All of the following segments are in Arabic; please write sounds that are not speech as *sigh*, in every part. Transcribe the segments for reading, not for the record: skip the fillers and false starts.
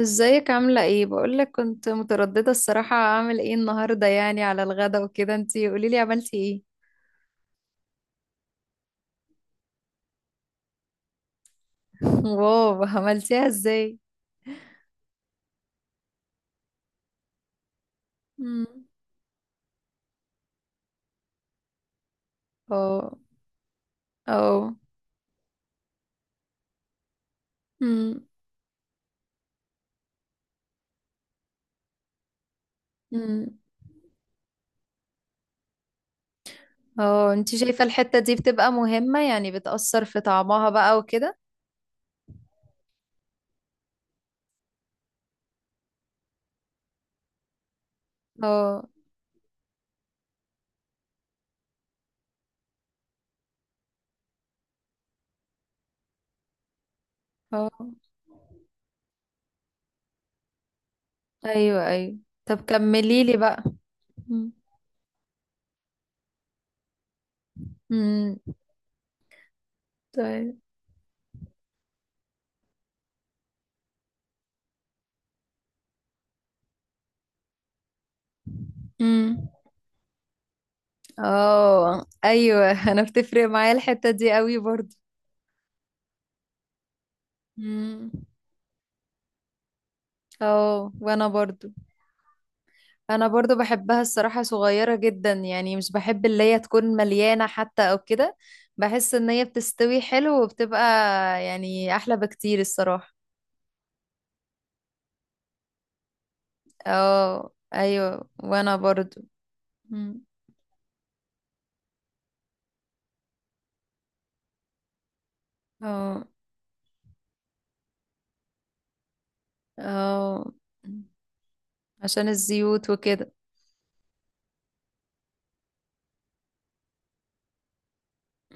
ازيك؟ عاملة ايه؟ بقولك كنت مترددة الصراحة، اعمل ايه النهاردة يعني على الغدا وكده. انتي قوليلي عملتي ايه؟ *laughs* واو، عملتيها ازاي؟ مم. اه. اه. مم. مم. اه، انتي شايفة الحتة دي بتبقى مهمة؟ يعني بتأثر في طعمها بقى وكده. اه. اه، ايوه، ايوه. طب كمليلي بقى. مم. مم. طيب. مم. اه، ايوه، انا بتفرق معايا الحتة دي قوي برضو. مم. اه، وانا برضو. انا برضو بحبها الصراحة صغيرة جدا، يعني مش بحب اللي هي تكون مليانة حتى او كده. بحس ان هي بتستوي حلو وبتبقى يعني احلى بكتير الصراحة. اه، ايوه، وانا برضو. مم. اه. اه. عشان الزيوت وكده.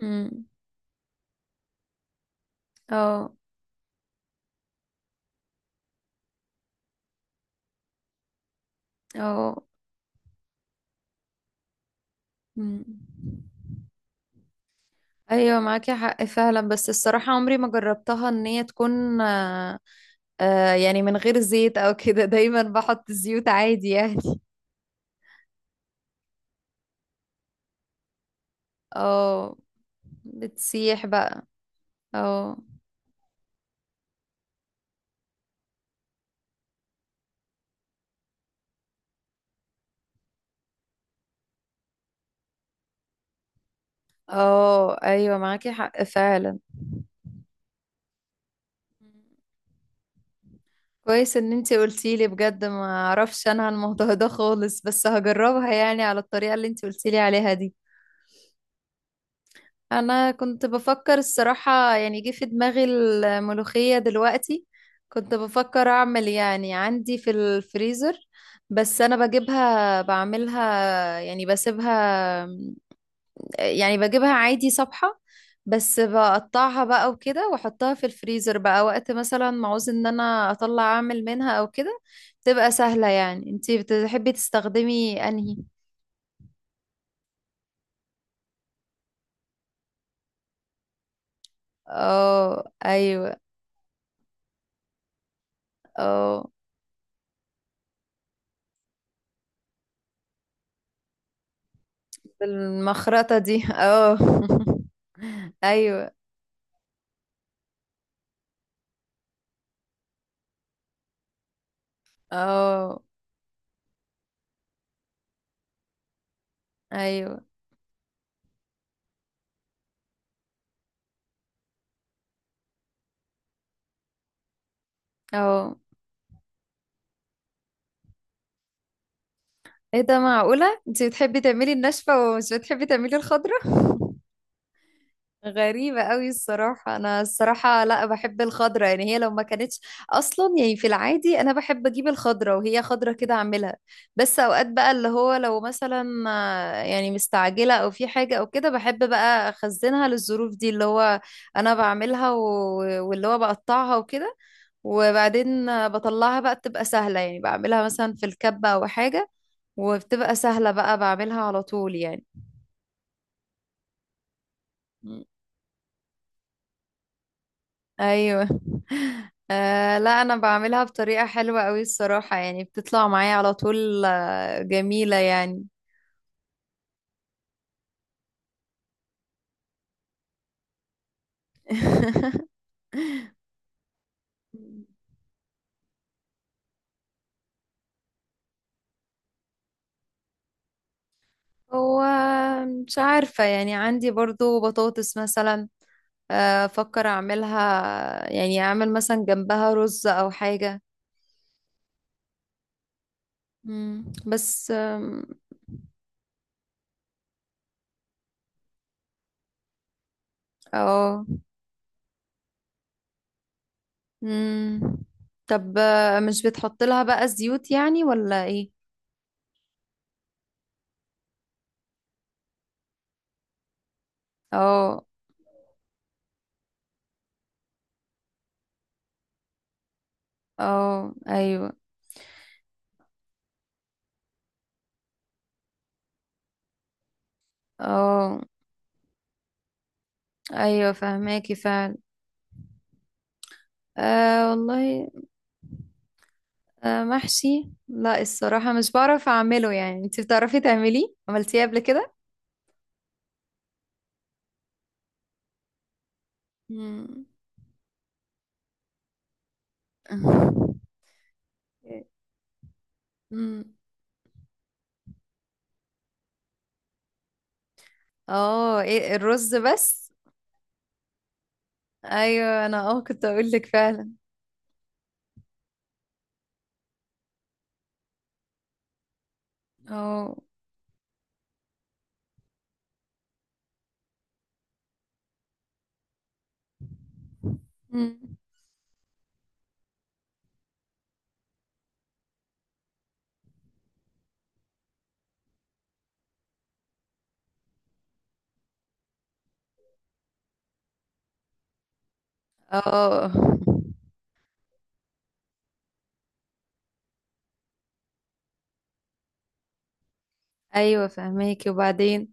مم. اه. اه. مم. ايوه، معاكي حق فعلا. بس الصراحة عمري ما جربتها ان هي تكون يعني من غير زيت او كده. *laughs* دايما بحط زيوت عادي يعني. اه. بتسيح بقى. اه. اه، ايوه، معاكي حق فعلا. كويس ان انتي قلتيلي. بجد ما اعرفش انا عن الموضوع ده خالص، بس هجربها يعني على الطريقة اللي انتي قلتيلي عليها دي. انا كنت بفكر الصراحة، يعني جه في دماغي الملوخية دلوقتي. كنت بفكر اعمل، يعني عندي في الفريزر. بس انا بجيبها بعملها، يعني بسيبها، يعني بجيبها عادي صبحة. بس بقطعها بقى وكده، واحطها في الفريزر بقى وقت مثلا ما عاوز ان انا اطلع اعمل منها او كده. تبقى سهلة يعني. انتي بتحبي تستخدمي انهي؟ اه، ايوه. اه. بالمخرطة دي، اه. *laughs* ايوه. اه. ايوه. اه. ايه ده؟ معقولة انتي بتحبي تعملي الناشفة ومش بتحبي تعملي الخضرة؟ غريبة قوي الصراحة. أنا الصراحة، لا، بحب الخضرة، يعني هي لو ما كانتش أصلا، يعني في العادي أنا بحب أجيب الخضرة وهي خضرة كده أعملها. بس أوقات بقى اللي هو لو مثلا يعني مستعجلة أو في حاجة أو كده، بحب بقى أخزنها للظروف دي اللي هو أنا بعملها. واللي هو بقطعها وكده، وبعدين بطلعها بقى، بتبقى سهلة يعني، بعملها مثلا في الكبة أو حاجة، وبتبقى سهلة بقى بعملها على طول يعني. ايوه. لا، انا بعملها بطريقة حلوة قوي الصراحة، يعني بتطلع معايا على طول، جميلة يعني. *laughs* هو، مش عارفة. يعني عندي برضو بطاطس مثلا، افكر اعملها، يعني اعمل مثلا جنبها رز او حاجة. مم. بس اه. مم. طب، مش بتحط لها بقى زيوت يعني ولا ايه؟ اه. اه، ايوه. اه، ايوه، فهماكي فعلا. والله. محشي؟ لا الصراحة مش بعرف اعمله. يعني انت بتعرفي تعمليه؟ عملتيه قبل كده؟ مم. *laughs* مم. اه، ايه، الرز بس. ايوه، انا كنت اقول لك فعلا. اه. مم. اه. *laughs* ايوه، فهماكي. وبعدين؟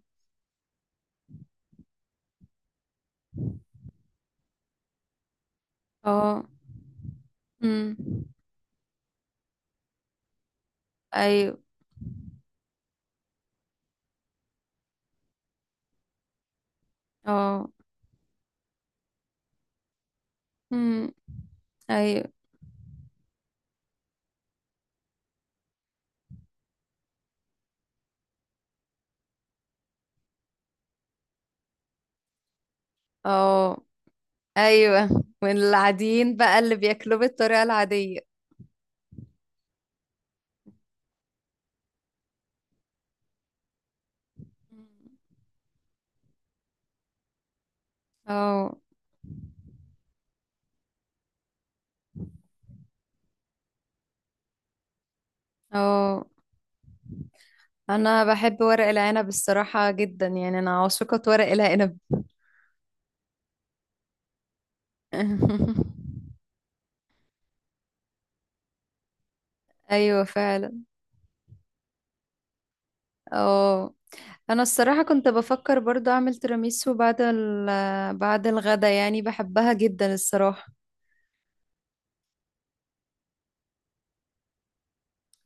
اه. مم. ايوه. اه. مم. ايوه. اه، ايوه، من العاديين بقى اللي بياكلوه بالطريقة العادية. اه. اه. انا بحب ورق العنب الصراحة جدا، يعني انا عاشقة ورق العنب. *laughs* ايوه، فعلا. اه. انا الصراحة كنت بفكر برضو اعمل تيراميسو بعد الغدا، يعني بحبها جدا الصراحة.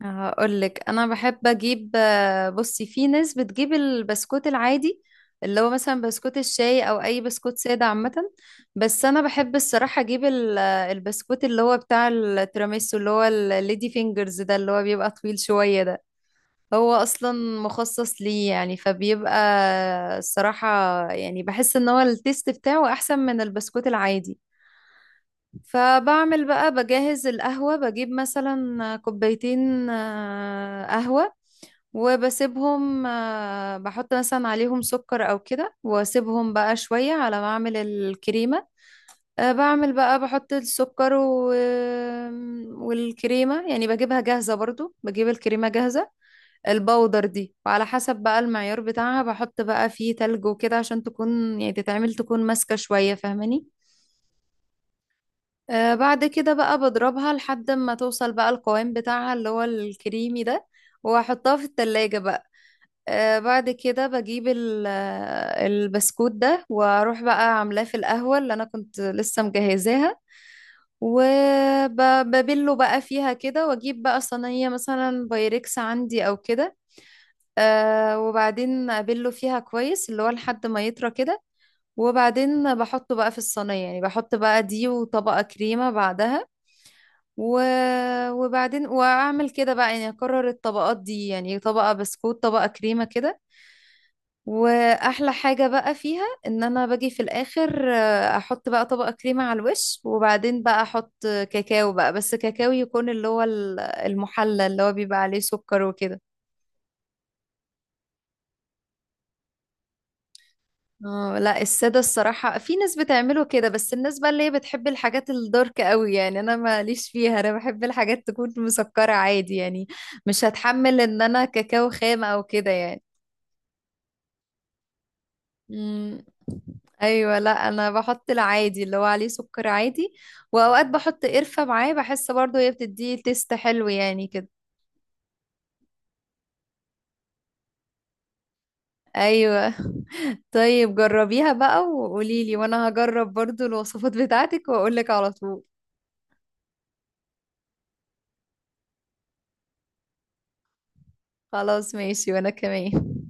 هقول لك. انا بحب اجيب، بصي، في ناس بتجيب البسكوت العادي اللي هو مثلا بسكوت الشاي او اي بسكوت ساده عامه. بس انا بحب الصراحه اجيب البسكوت اللي هو بتاع التيراميسو، اللي هو الليدي فينجرز ده، اللي هو بيبقى طويل شويه ده. هو اصلا مخصص ليه يعني، فبيبقى الصراحه، يعني بحس ان هو التيست بتاعه احسن من البسكوت العادي. فبعمل بقى، بجهز القهوه، بجيب مثلا كوبايتين قهوه، وبسيبهم، بحط مثلا عليهم سكر او كده، واسيبهم بقى شوية على ما اعمل الكريمة. بعمل بقى، بحط السكر. والكريمة يعني بجيبها جاهزة، برضو بجيب الكريمة جاهزة، البودر دي. وعلى حسب بقى المعيار بتاعها بحط بقى فيه تلج وكده، عشان تكون يعني تتعمل، تكون ماسكة شوية، فاهماني؟ بعد كده بقى بضربها لحد ما توصل بقى القوام بتاعها اللي هو الكريمي ده، واحطها في التلاجة بقى. بعد كده بجيب البسكوت ده، واروح بقى عاملاه في القهوة اللي انا كنت لسه مجهزاها، وببله بقى فيها كده، واجيب بقى صينية مثلا بايركس عندي او كده. وبعدين ابله فيها كويس اللي هو لحد ما يطرى كده، وبعدين بحطه بقى في الصينية، يعني بحط بقى دي وطبقة كريمة بعدها و... وبعدين واعمل كده بقى، يعني اكرر الطبقات دي، يعني طبقة بسكوت طبقة كريمة كده. واحلى حاجة بقى فيها ان انا باجي في الاخر، احط بقى طبقة كريمة على الوش، وبعدين بقى احط كاكاو بقى، بس كاكاو يكون اللي هو المحلى اللي هو بيبقى عليه سكر وكده. اه، لا، السادة الصراحة في ناس بتعمله كده، بس الناس بقى اللي هي بتحب الحاجات الدارك قوي يعني، انا ماليش فيها. انا بحب الحاجات تكون مسكرة عادي يعني، مش هتحمل ان انا كاكاو خام او كده يعني. مم. ايوه، لا، انا بحط العادي اللي هو عليه سكر عادي، واوقات بحط قرفة معاه، بحس برضو هي بتديه تيست حلو يعني كده. ايوه. *laughs* طيب، جربيها بقى وقوليلي، وانا هجرب برضو الوصفات بتاعتك واقولك على طول. خلاص، ماشي، وانا كمان.